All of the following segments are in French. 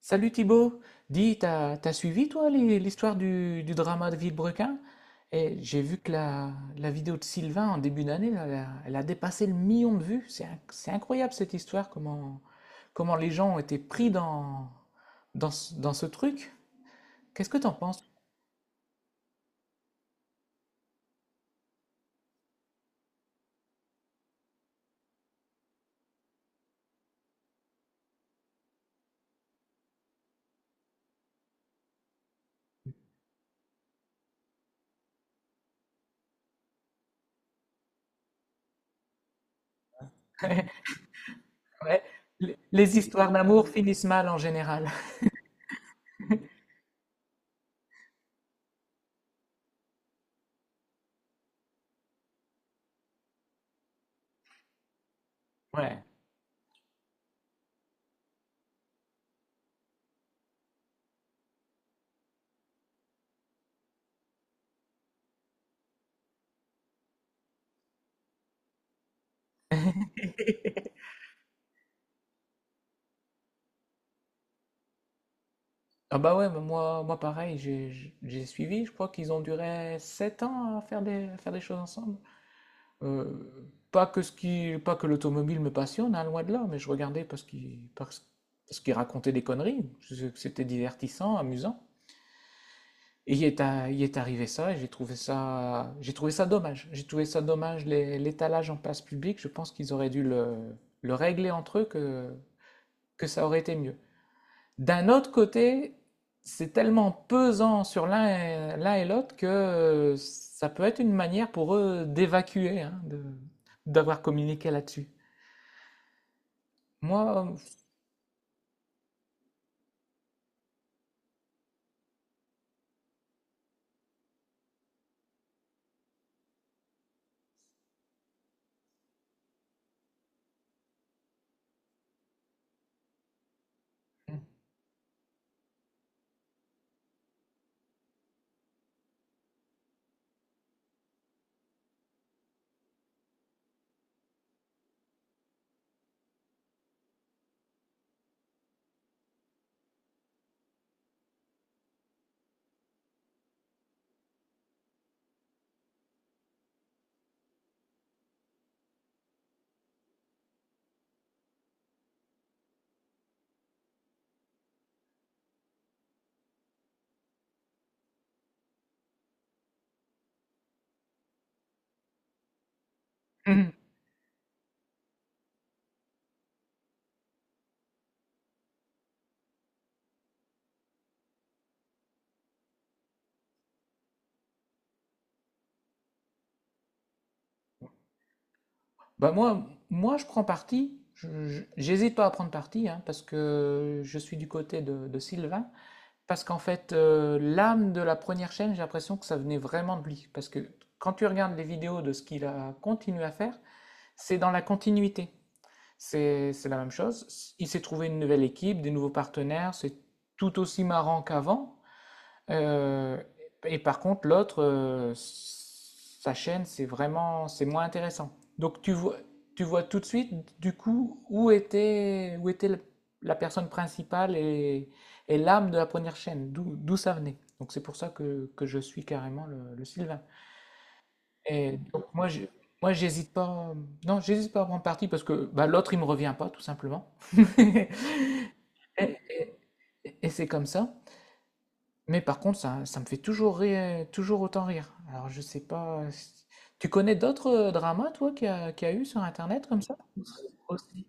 Salut Thibaut, dis, t'as suivi toi l'histoire du drama de Villebrequin? Et j'ai vu que la vidéo de Sylvain en début d'année, là, elle a dépassé le million de vues. C'est incroyable cette histoire, comment les gens ont été pris dans ce dans ce truc. Qu'est-ce que t'en penses? Ouais, les histoires d'amour finissent mal en général. Ouais. Ah bah ouais, bah moi, moi pareil, j'ai suivi, je crois qu'ils ont duré 7 ans à faire des choses ensemble. Euh, Pas que ce qui, pas que l'automobile me passionne, hein, loin de là, mais je regardais parce qu'il racontait des conneries. C'était divertissant, amusant. Et il est arrivé ça, et j'ai trouvé ça dommage. J'ai trouvé ça dommage l'étalage en place publique. Je pense qu'ils auraient le régler entre eux que ça aurait été mieux. D'un autre côté, c'est tellement pesant sur l'un et l'autre que ça peut être une manière pour eux d'évacuer, hein, d'avoir communiqué là-dessus. Moi, bah moi, moi, je prends parti. J'hésite pas à prendre parti hein, parce que je suis du côté de Sylvain. Parce qu'en fait, l'âme de la première chaîne, j'ai l'impression que ça venait vraiment de lui. Parce que quand tu regardes les vidéos de ce qu'il a continué à faire, c'est dans la continuité. C'est la même chose. Il s'est trouvé une nouvelle équipe, des nouveaux partenaires, c'est tout aussi marrant qu'avant. Euh, et par contre, l'autre, sa chaîne, c'est vraiment, c'est moins intéressant. Donc tu vois tout de suite, du coup, où était la personne principale et l'âme de la première chaîne, d'où ça venait. Donc c'est pour que je suis carrément le Sylvain. Et donc moi, moi, j'hésite pas. Non, j'hésite pas à prendre parti parce que bah, l'autre, il me revient pas, tout simplement. Et, et- et c'est comme ça. Mais par contre, ça me fait toujours rire, toujours autant rire. Alors je sais pas. Tu connais d'autres dramas, toi, qu'il y a eu sur Internet comme ça? Aussi.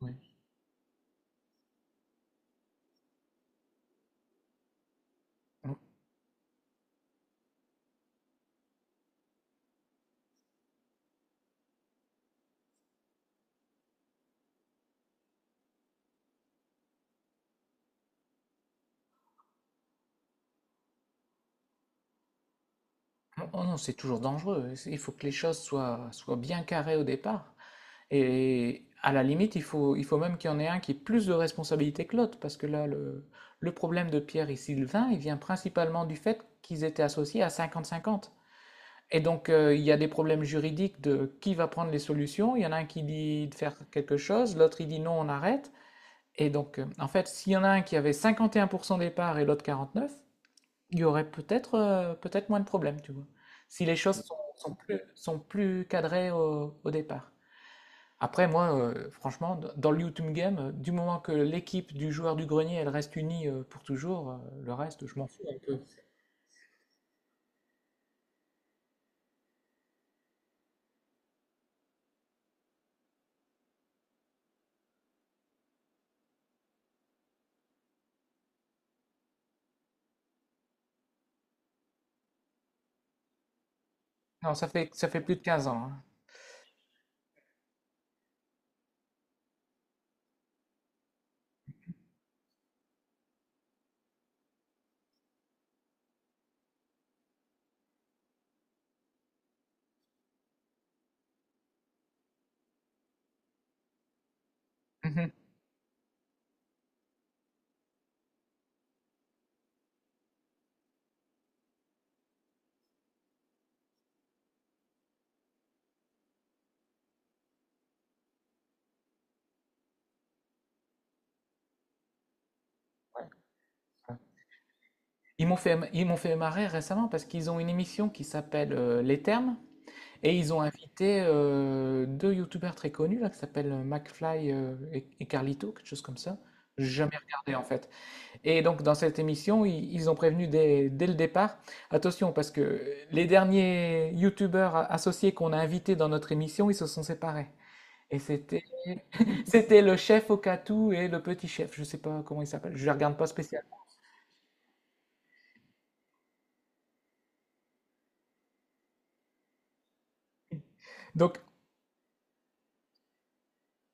Oui. Oh non, c'est toujours dangereux. Il faut que les soient bien carrées au départ. Et à la limite, il faut même qu'il y en ait un qui ait plus de responsabilité que l'autre, parce que le problème de Pierre et Sylvain, il vient principalement du fait qu'ils étaient associés à 50-50. Et donc, il y a des problèmes juridiques de qui va prendre les solutions. Il y en a un qui dit de faire quelque chose, l'autre il dit non, on arrête. Et donc, en fait, s'il y en a un qui avait 51% des parts et l'autre 49%, il y aurait peut-être peut-être moins de problèmes, tu vois. Si les choses sont, sont plus cadrées au départ. Après, moi, franchement, d dans le YouTube game, du moment que l'équipe du joueur du grenier, elle reste unie, pour toujours, le reste, je m'en fous un peu. Non, ça fait plus de 15 ans, hein. Mmh. Ouais, ouais. Ils m'ont fait marrer récemment parce qu'ils ont une émission qui s'appelle, Les Termes et ils ont invité, deux youtubeurs très connus là qui s'appellent, McFly, et Carlito, quelque chose comme ça. J'ai jamais regardé en fait. Et donc, dans cette émission, ils ont prévenu dès le départ, attention, parce que les derniers youtubeurs associés qu'on a invités dans notre émission, ils se sont séparés. Et c'était le chef Okatou et le petit chef, je sais pas comment il s'appelle, je ne regarde pas spécial. Donc,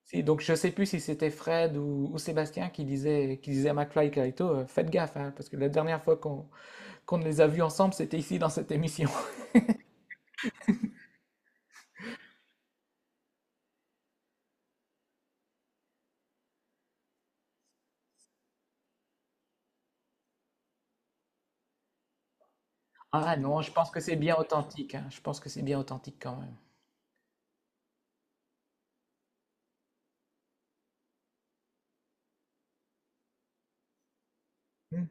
si, donc je sais plus si c'était Fred ou Sébastien qui disait à McFly et Carito, faites gaffe, hein, parce que la dernière fois qu'on les a vus ensemble, c'était ici dans cette émission. Ah non, je pense que c'est bien authentique, hein, je pense que c'est bien authentique quand même. Mmh.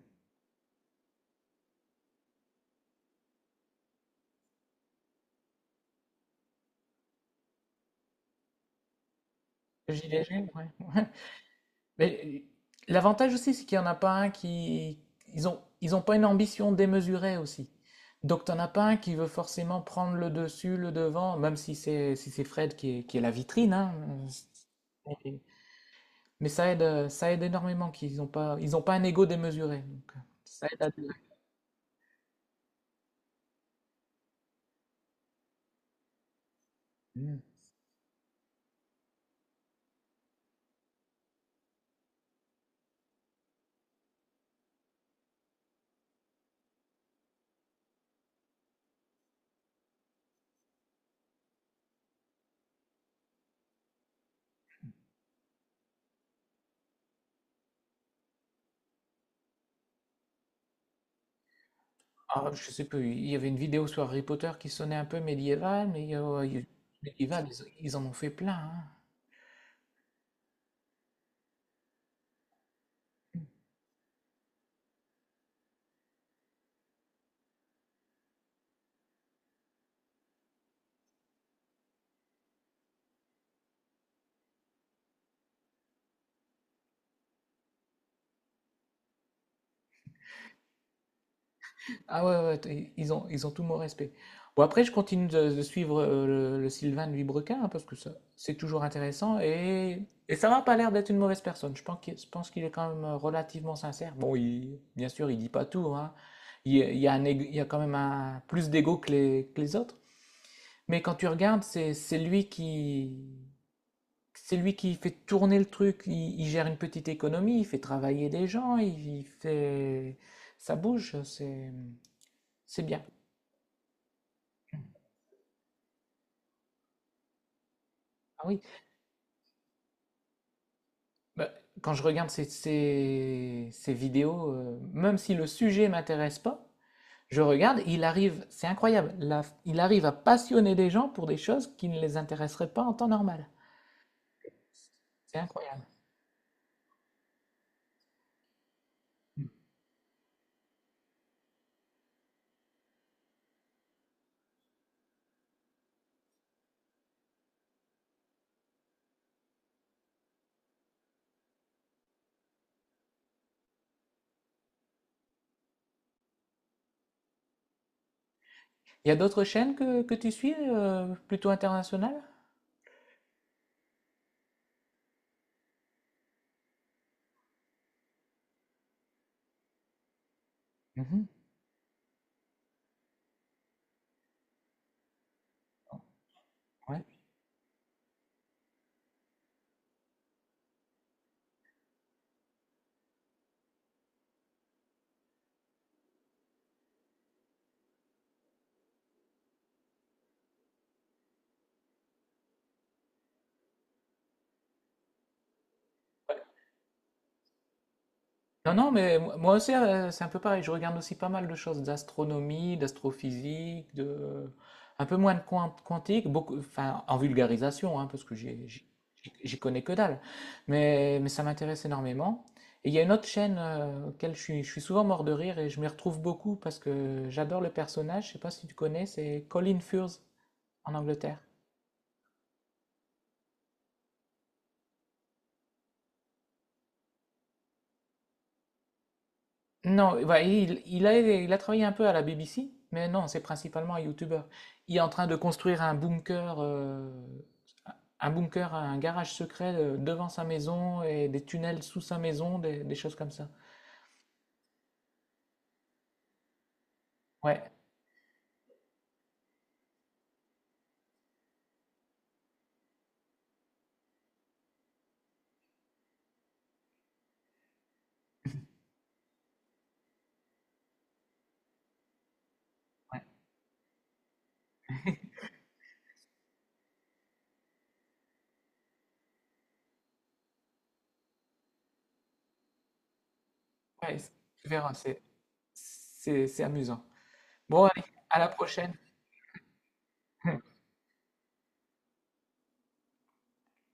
Gilet jaune, ouais. Ouais. Mais l'avantage aussi, c'est qu'il n'y en a pas un qui... Ils ont pas une ambition démesurée aussi. Donc, t'en as pas un qui veut forcément prendre le dessus, le devant, même si c'est si c'est Fred qui est la vitrine, hein. Mais mais ça aide énormément qu'ils n'ont pas, ils ont pas un ego démesuré. Donc, ça aide à durer. Mm. Ah, je sais plus, il y avait une vidéo sur Harry Potter qui sonnait un peu médiéval, mais il y a- médiéval, ils en ont fait plein. Hein. Ah ouais, ouais, ils ont tout mon respect. Bon, après, je continue de suivre le Sylvain de Vibrequin, hein, parce que ça, c'est toujours intéressant. Et ça m'a pas l'air d'être une mauvaise personne. Je pense je pense qu'il est quand même relativement sincère. Bon, bien sûr, il dit pas tout, hein. Il y a un il y a quand même un, plus d'ego que que les autres. Mais quand tu regardes, c'est lui c'est lui qui fait tourner le truc. Il gère une petite économie, il fait travailler des gens, il fait, ça bouge, c'est bien. Ah oui, bah, quand je regarde ces vidéos, même si le sujet m'intéresse pas, je regarde, il arrive, c'est incroyable, il arrive à passionner des gens pour des choses qui ne les intéresseraient pas en temps normal. C'est incroyable. Il y a d'autres chaînes que tu suis, plutôt internationales? Mhm. Ouais. Non, non, mais moi aussi, c'est un peu pareil. Je regarde aussi pas mal de choses d'astronomie, d'astrophysique, de... un peu moins de quantique, beaucoup... enfin, en vulgarisation, hein, parce que j'y connais que dalle. Mais ça m'intéresse énormément. Et il y a une autre chaîne auquel je suis souvent mort de rire et je m'y retrouve beaucoup parce que j'adore le personnage. Je sais pas si tu connais, c'est Colin Furze en Angleterre. Non, bah, il a travaillé un peu à la BBC, mais non, c'est principalement un YouTuber. Il est en train de construire un bunker, un garage secret devant sa maison et des tunnels sous sa maison, des choses comme ça. Ouais, ouais, ouais, tu verras, c'est amusant. Bon, allez, à la prochaine.